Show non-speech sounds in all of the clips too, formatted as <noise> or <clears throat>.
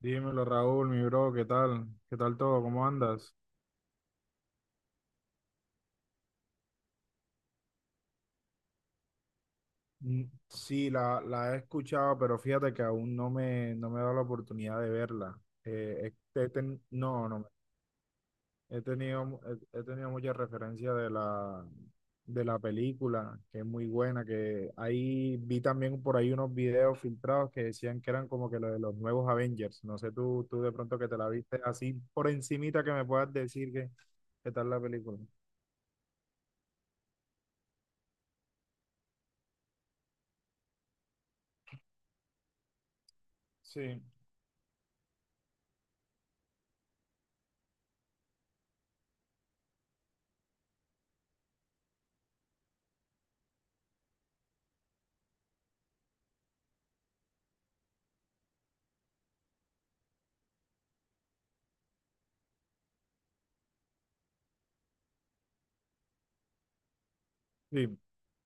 Dímelo, Raúl, mi bro, ¿qué tal? ¿Qué tal todo? ¿Cómo andas? Mm, sí, la he escuchado, pero fíjate que aún no me he dado la oportunidad de verla. No, no, he tenido, mu- he tenido muchas referencias de la película, que es muy buena, que ahí vi también por ahí unos videos filtrados que decían que eran como que lo de los nuevos Avengers. No sé tú, de pronto que te la viste así por encimita que me puedas decir qué tal la película. Sí, sí,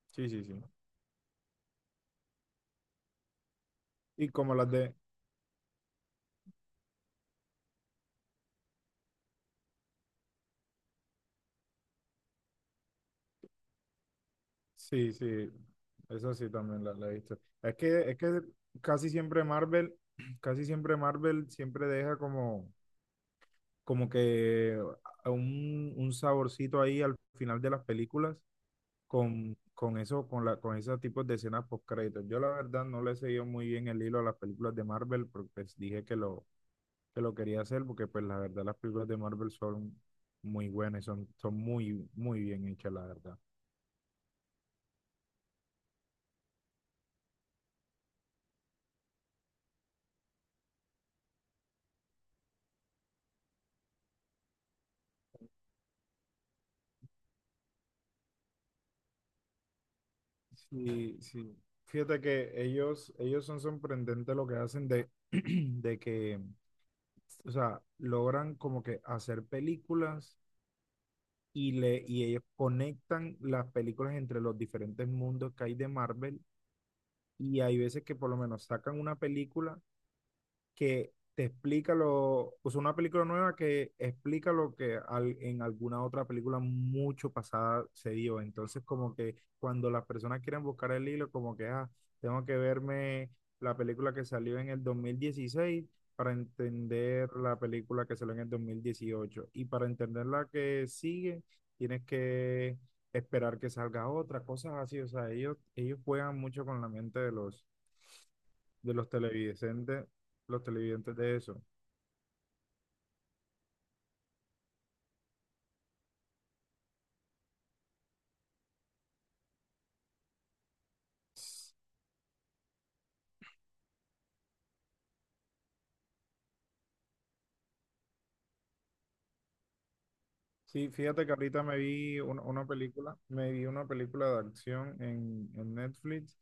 sí, sí, sí. Y como las de. Sí, sí, eso sí también la he visto. Es que casi siempre Marvel, <clears throat> casi siempre Marvel siempre deja como que a un saborcito ahí al final de las películas con eso, con esos tipos de escenas post créditos. Yo la verdad no le he seguido muy bien el hilo a las películas de Marvel, porque pues dije que lo quería hacer, porque pues la verdad las películas de Marvel son muy buenas, y son muy, muy bien hechas, la verdad. Sí, sí. Fíjate que ellos son sorprendentes lo que hacen de, <clears throat> de que, o sea, logran como que hacer películas y ellos conectan las películas entre los diferentes mundos que hay de Marvel. Y hay veces que por lo menos sacan una película que te explica o sea, una película nueva que explica lo que en alguna otra película mucho pasada se dio. Entonces, como que cuando las personas quieren buscar el hilo, como que, ah, tengo que verme la película que salió en el 2016 para entender la película que salió en el 2018. Y para entender la que sigue, tienes que esperar que salga otra, cosas así. O sea, ellos juegan mucho con la mente de los televidentes, los televidentes de eso. Sí, fíjate que ahorita me vi una película de acción en Netflix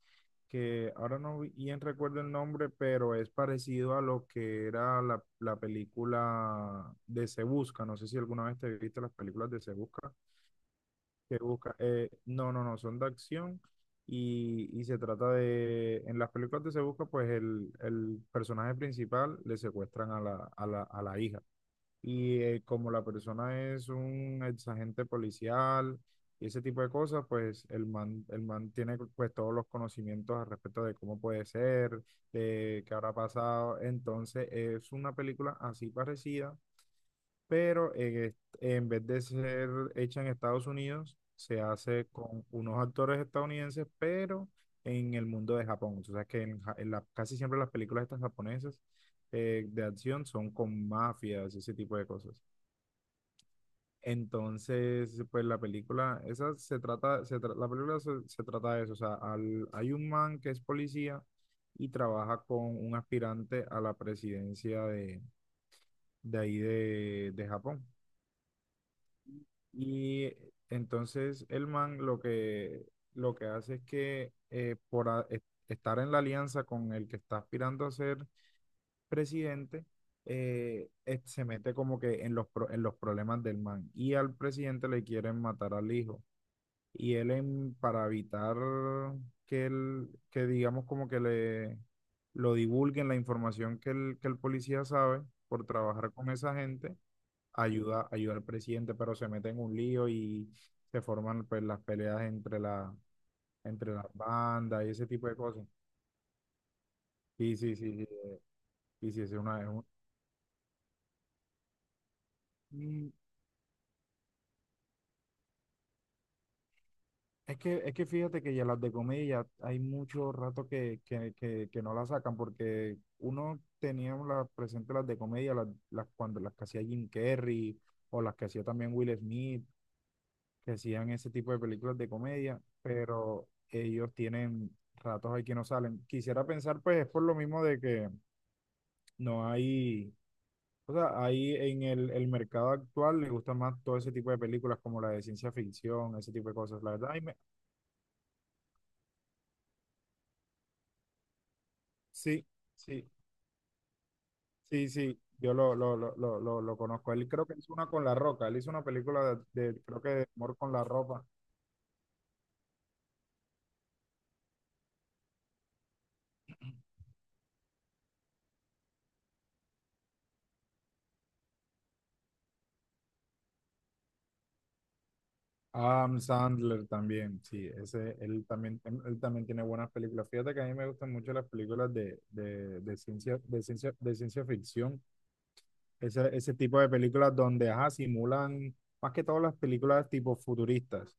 que ahora no bien recuerdo el nombre, pero es parecido a lo que era la película de Se Busca. No sé si alguna vez te viste las películas de Se Busca. Se Busca, no, no, no, son de acción y se trata de, en las películas de Se Busca, pues el personaje principal le secuestran a la hija. Y como la persona es un ex agente policial y ese tipo de cosas, pues el man tiene pues todos los conocimientos al respecto de cómo puede ser, de qué habrá pasado. Entonces es una película así parecida, pero en vez de ser hecha en Estados Unidos, se hace con unos actores estadounidenses, pero en el mundo de Japón. O sea que en, Ja- en la- casi siempre las películas estas japonesas de acción son con mafias, ese tipo de cosas. Entonces, pues la película, esa se trata, se tra- la película se trata de eso, o sea, hay un man que es policía y trabaja con un aspirante a la presidencia de ahí de Japón. Y entonces el man lo que hace es que estar en la alianza con el que está aspirando a ser presidente, se mete como que en los problemas del man y al presidente le quieren matar al hijo. Y él para evitar que digamos como que le lo divulguen la información que el policía sabe por trabajar con esa gente, ayuda al presidente, pero se mete en un lío y se forman pues las peleas entre entre las bandas y ese tipo de cosas. Sí, sí, sí, sí, sí, sí, es una, es un- Es que fíjate que ya las de comedia hay mucho rato que no las sacan porque uno teníamos las presentes las de comedia, cuando las que hacía Jim Carrey o las que hacía también Will Smith, que hacían ese tipo de películas de comedia, pero ellos tienen ratos ahí que no salen. Quisiera pensar pues es por lo mismo de que no hay, o sea, ahí en el mercado actual le gusta más todo ese tipo de películas como la de ciencia ficción, ese tipo de cosas. La verdad, sí. Sí, sí, sí, yo lo conozco. Él creo que hizo una con La Roca. Él hizo una película creo que de amor con la ropa. Adam Sandler también, sí, ese, él también, em, él también tiene buenas películas. Fíjate que a mí me gustan mucho las películas de ciencia ficción. Ese tipo de películas donde, ajá, simulan, más que todas las películas tipo futuristas.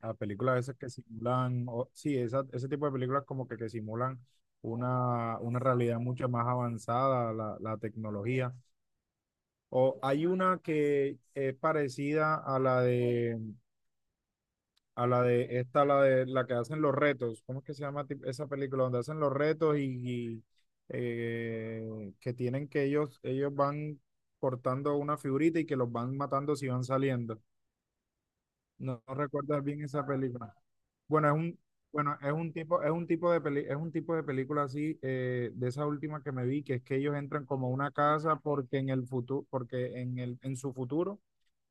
A películas esas que simulan, sí, ese tipo de películas que simulan una realidad mucho más avanzada, la tecnología. O hay una que es parecida a la de esta, la de la que hacen los retos. ¿Cómo es que se llama esa película? Donde hacen los retos y, que tienen que ellos van cortando una figurita y que los van matando si van saliendo. No, no recuerdas bien esa película. Bueno, bueno, es un tipo de película así, de esa última que me vi, que es que ellos entran como a una casa porque en el futuro, porque en su futuro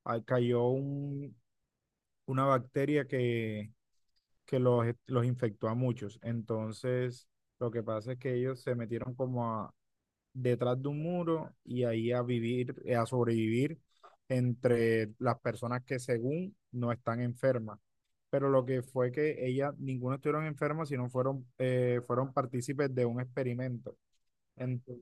cayó una bacteria que los infectó a muchos. Entonces, lo que pasa es que ellos se metieron como a detrás de un muro y ahí a sobrevivir entre las personas que según no están enfermas. Pero lo que fue que ellas, ninguno estuvieron enfermas, sino fueron partícipes de un experimento. Ento-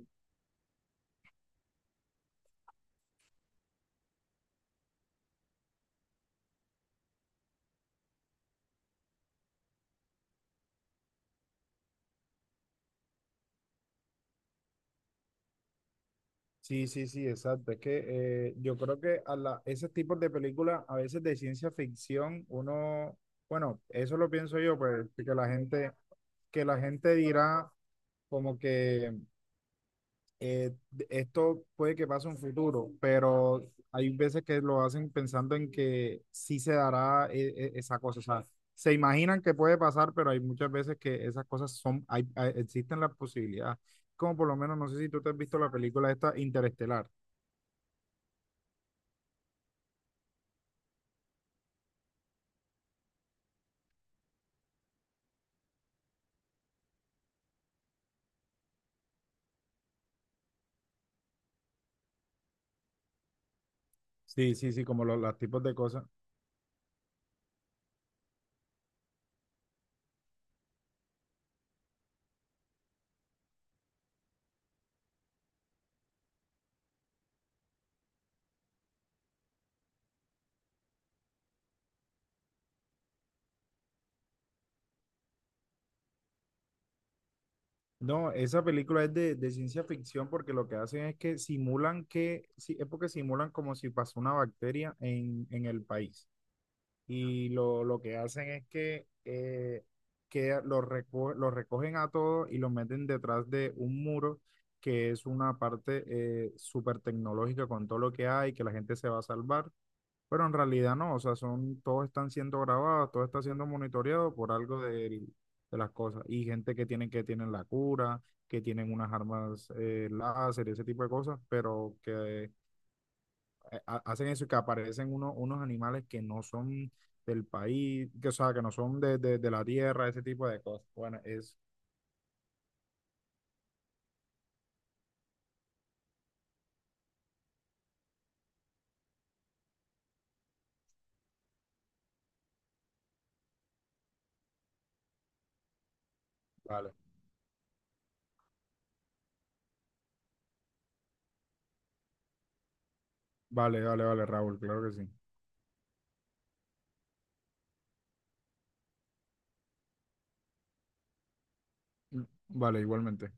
sí, sí, sí, exacto. Es que yo creo que ese tipo de películas, a veces de ciencia ficción, uno, bueno, eso lo pienso yo, pues, que la gente dirá como que eh, esto puede que pase en futuro, pero hay veces que lo hacen pensando en que sí se dará esa cosa. O sea, se imaginan que puede pasar, pero hay muchas veces que esas cosas existen las posibilidades. Como por lo menos, no sé si tú te has visto la película esta Interestelar. Sí, sí, sí, como los tipos de cosas. No, esa película es de ciencia ficción porque lo que hacen es que simulan que, sí, es porque simulan como si pasó una bacteria en el país. Y lo que hacen es que los recogen a todos y los meten detrás de un muro que es una parte súper tecnológica con todo lo que hay, que la gente se va a salvar, pero en realidad no, o sea, todos están siendo grabados, todo está siendo monitoreado por algo de las cosas y gente que tienen la cura, que tienen unas armas láser, ese tipo de cosas, pero que hacen eso y que aparecen unos animales que no son del país, que, o sea, que no son de la tierra, ese tipo de cosas. Bueno, vale, vale, vale, vale, Raúl, claro que sí. Vale, igualmente.